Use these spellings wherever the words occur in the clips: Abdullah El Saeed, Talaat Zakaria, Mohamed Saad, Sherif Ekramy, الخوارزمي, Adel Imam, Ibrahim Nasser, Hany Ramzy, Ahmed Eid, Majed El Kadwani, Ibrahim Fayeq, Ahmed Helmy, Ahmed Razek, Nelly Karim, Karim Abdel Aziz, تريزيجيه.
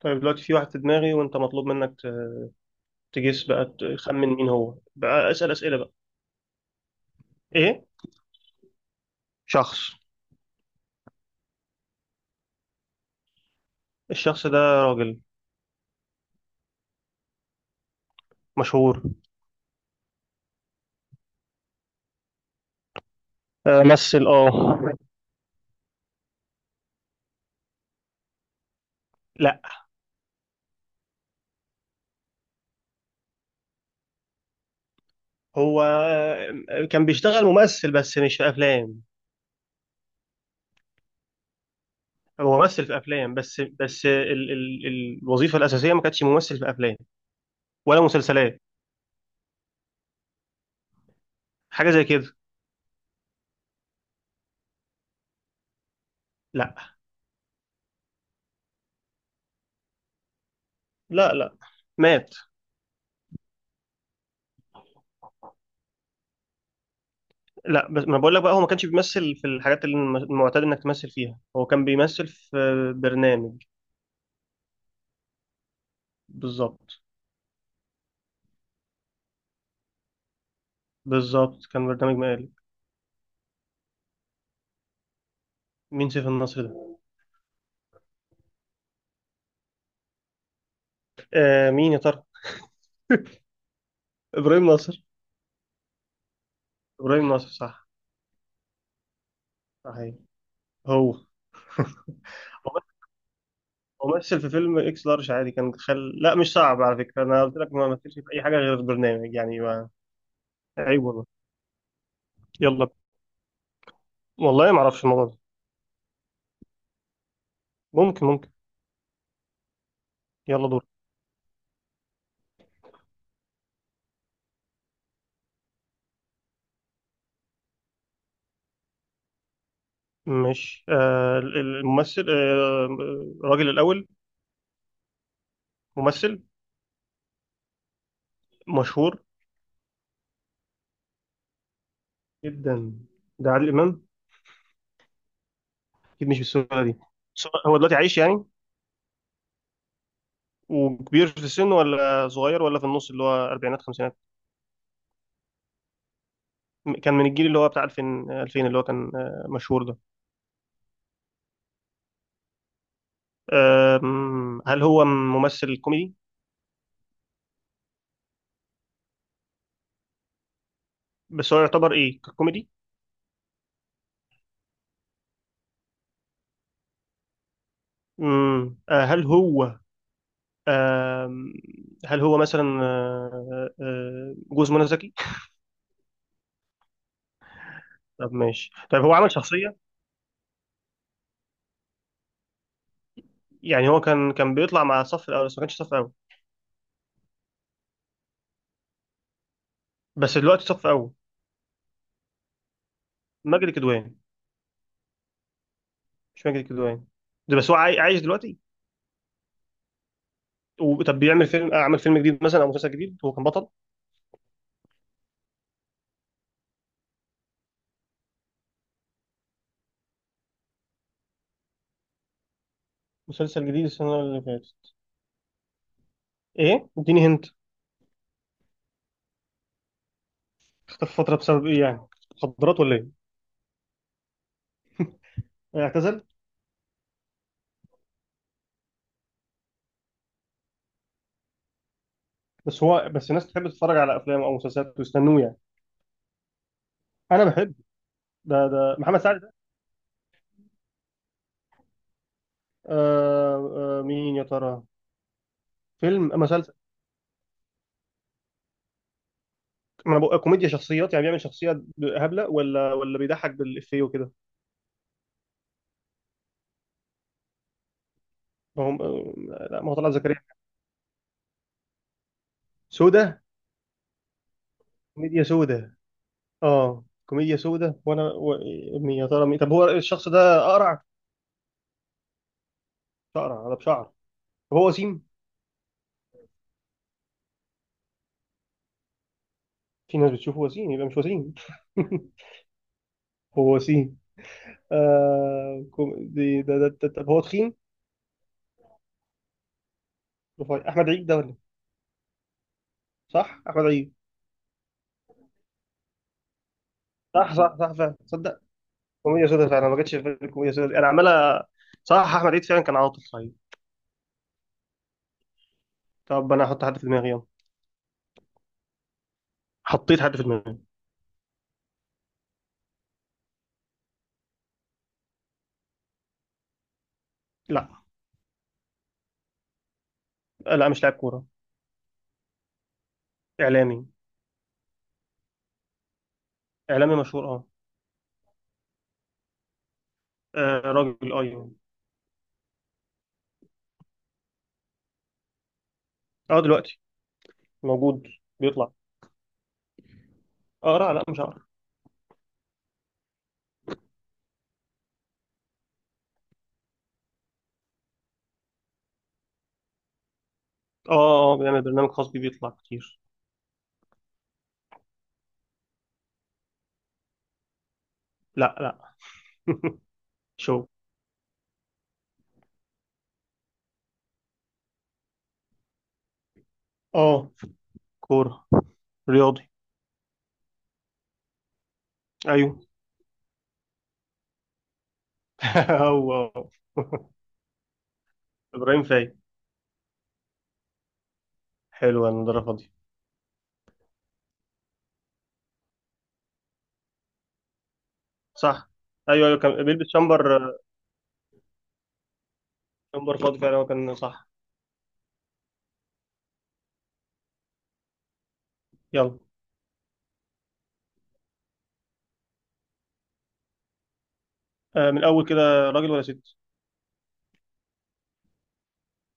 طيب دلوقتي في واحد في دماغي وانت مطلوب منك تجس بقى تخمن مين هو بقى. اسأل أسئلة بقى. ايه، شخص. الشخص ده راجل مشهور. مثل لا. هو كان بيشتغل ممثل بس مش في افلام. هو ممثل في افلام بس بس ال ال الوظيفة الأساسية ما كانتش ممثل في افلام ولا مسلسلات. حاجة زي كده. لا، لا، لا. مات. لا، بس ما بقول لك بقى، هو ما كانش بيمثل في الحاجات اللي المعتاد انك تمثل فيها. هو كان بيمثل في برنامج. بالظبط. بالظبط، كان برنامج مقالب. مين سيف النصر ده؟ آه، مين يا ترى؟ ابراهيم ناصر. ابراهيم ناصر صح. صحيح. هو هو ممثل في فيلم اكس لارج عادي، كان خل... لا مش صعب على فكره، انا قلت لك ما مثلش في اي حاجه غير برنامج يعني ما... عيب والله. يلا. والله ما اعرفش الموضوع ده. ممكن، ممكن. يلا دور. مش الممثل الراجل الاول. ممثل. مشهور جدا. ده عادل امام؟ اكيد مش بالسهوله دي. بس هو دلوقتي عايش يعني، وكبير في السن ولا صغير ولا في النص اللي هو أربعينات خمسينات. كان من الجيل اللي هو بتاع 2000 2000، اللي هو كان مشهور ده. هل هو ممثل كوميدي؟ بس هو يعتبر ايه، كوميدي؟ هل هو آم، هل هو مثلا جوز منى زكي؟ طب ماشي. طيب هو عمل شخصية؟ يعني هو كان بيطلع مع صف الأول بس ما كانش صف أول. بس دلوقتي صف أول. ماجد الكدواني؟ مش ماجد الكدواني ده، بس هو عايش دلوقتي؟ طب بيعمل فيلم، عمل فيلم جديد مثلا او مسلسل جديد هو كان بطل؟ مسلسل جديد السنه اللي فاتت. ايه اديني هنت. اختفى فتره بسبب ايه يعني؟ مخدرات ولا ايه؟ اعتزل؟ بس هو، بس الناس تحب تتفرج على افلام او مسلسلات ويستنوه يعني؟ انا بحب. ده ده محمد سعد ده؟ آه، آه مين يا ترى؟ فيلم، مسلسل. ما انا بقول كوميديا شخصيات، يعني بيعمل شخصيه هبله ولا بيضحك بالافيه وكده؟ ما هم لا، ما هو طلعت زكريا. سودا، كوميديا سودا. اه كوميديا سودا، وانا و... مين يا ترى؟ مين؟ طب هو الشخص ده اقرع، شعر على بشعر، هو وسيم؟ في ناس بتشوفه وسيم، يبقى مش وسيم. هو وسيم. آه كو- دي ده ده ده طب هو تخين، رفيع؟ احمد عيد ده ولا؟ صح احمد عيد؟ صح صح صح، فعلا. تصدق كوميديا سودا فعلا، ما جاتش في بالي كوميديا سودا، انا عمال صح احمد عيد فعلا، كان عاطل صحيح. طب انا هحط حد في دماغي، يلا. حطيت حد في دماغي. لا. لا مش لاعب كوره. اعلامي. اعلامي مشهور، اه. راجل، اه يعني. اه دلوقتي. موجود. بيطلع. اه لا لا مش عارف. اه بيعمل برنامج خاص بيه، بيطلع كتير. لا، لا. شو. اه، كورة. رياضي. ايوه. هو هو. ابراهيم فايق. حلو، انا ده فاضي. صح، ايوه ايوه كان بيلبس شامبر. شامبر فاضي فعلا، هو كان صح. يلا. آه من الاول كده، راجل ولا ست؟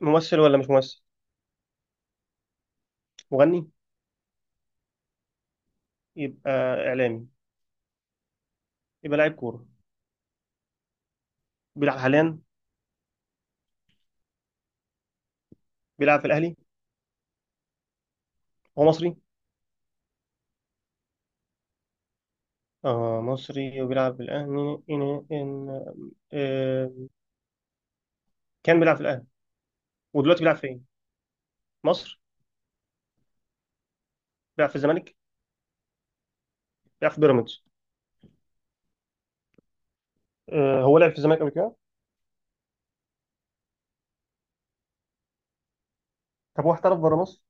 ممثل ولا مش ممثل؟ مغني؟ يبقى اعلامي؟ يبقى لاعب كورة؟ بيلعب حاليا؟ بيلعب في الاهلي؟ هو مصري؟ اه مصري وبيلعب في الاهلي. إن إن آه كان بيلعب في الاهلي. ودلوقتي بيلعب فين؟ مصر؟ بيلعب في الزمالك؟ بيلعب في بيراميدز؟ آه، هو لعب في الزمالك قبل كده؟ طب هو احترف بره مصر؟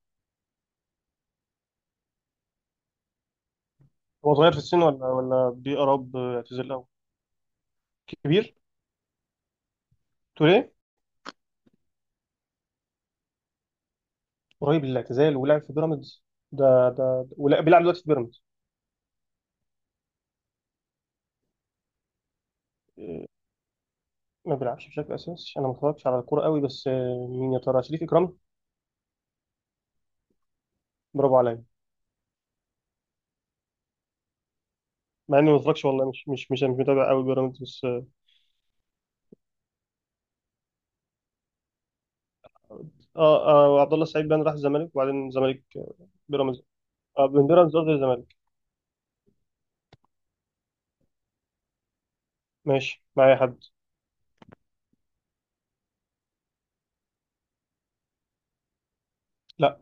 هو صغير في السن ولا بيقرب اعتزال الاول؟ كبير. تقول ايه؟ قريب للاعتزال ولعب في بيراميدز. ده ده ولا بيلعب دلوقتي في بيراميدز؟ إيه، ما بيلعبش بشكل اساسي، انا ما اتفرجتش على الكوره قوي، بس مين يا ترى؟ شريف اكرامي؟ برافو عليا. مع اني ما اتفرجش والله، مش متابع قوي بيراميدز، بس اه. اه عبد الله السعيد بان راح الزمالك، وبعدين الزمالك بيراميدز. اه من بيراميدز، قصدي الزمالك. ماشي. معايا حد. لا.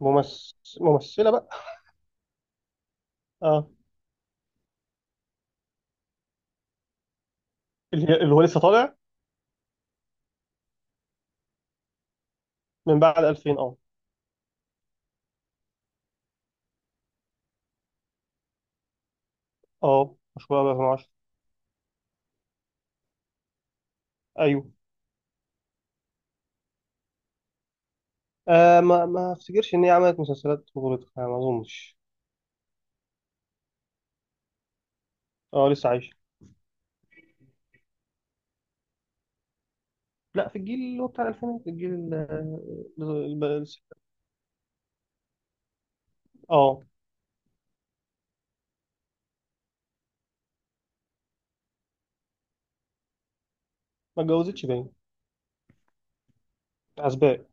ممثل، ممثله بقى. اه. اللي هو لسه طالع. من بعد 2000، اه. اه مشهورة أوي 2010. أيوه. آه ما ما أفتكرش إن هي عملت مسلسلات بطولتها يعني، ما أظنش. اه لسه عايشة. لا، في الجيل اللي هو بتاع الألفينات، الجيل ال- ال- ال- اه. ما اتجوزتش باين. أسباب.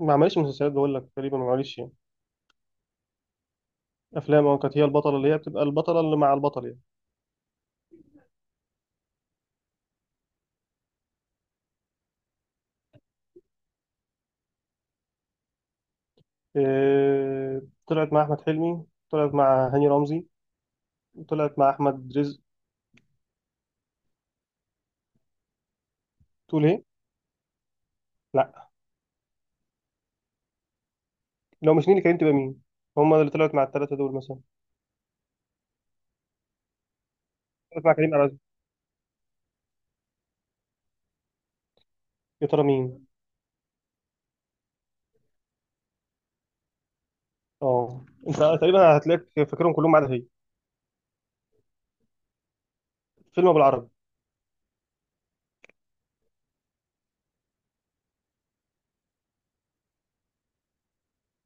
ما عملتش مسلسلات بقول لك، تقريبا ما عملتش يعني. أفلام أه، كانت هي البطلة، اللي هي بتبقى البطلة اللي مع البطل يعني. آه، طلعت مع أحمد حلمي، طلعت مع هاني رمزي، طلعت مع أحمد رزق. تقول إيه؟ لا. لو مش نيلي كريم، تبقى مين؟ هما اللي طلعت مع الثلاثة دول مثلا. طلعت مع كريم عبد العزيز. يا ترى مين؟ اه انت تقريبا هتلاقيك فاكرهم كلهم ما عدا هي. فيلم بالعربي.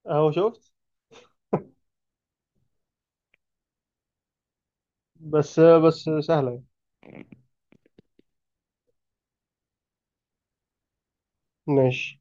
اهو شفت. بس بس سهله يعني. ماشي.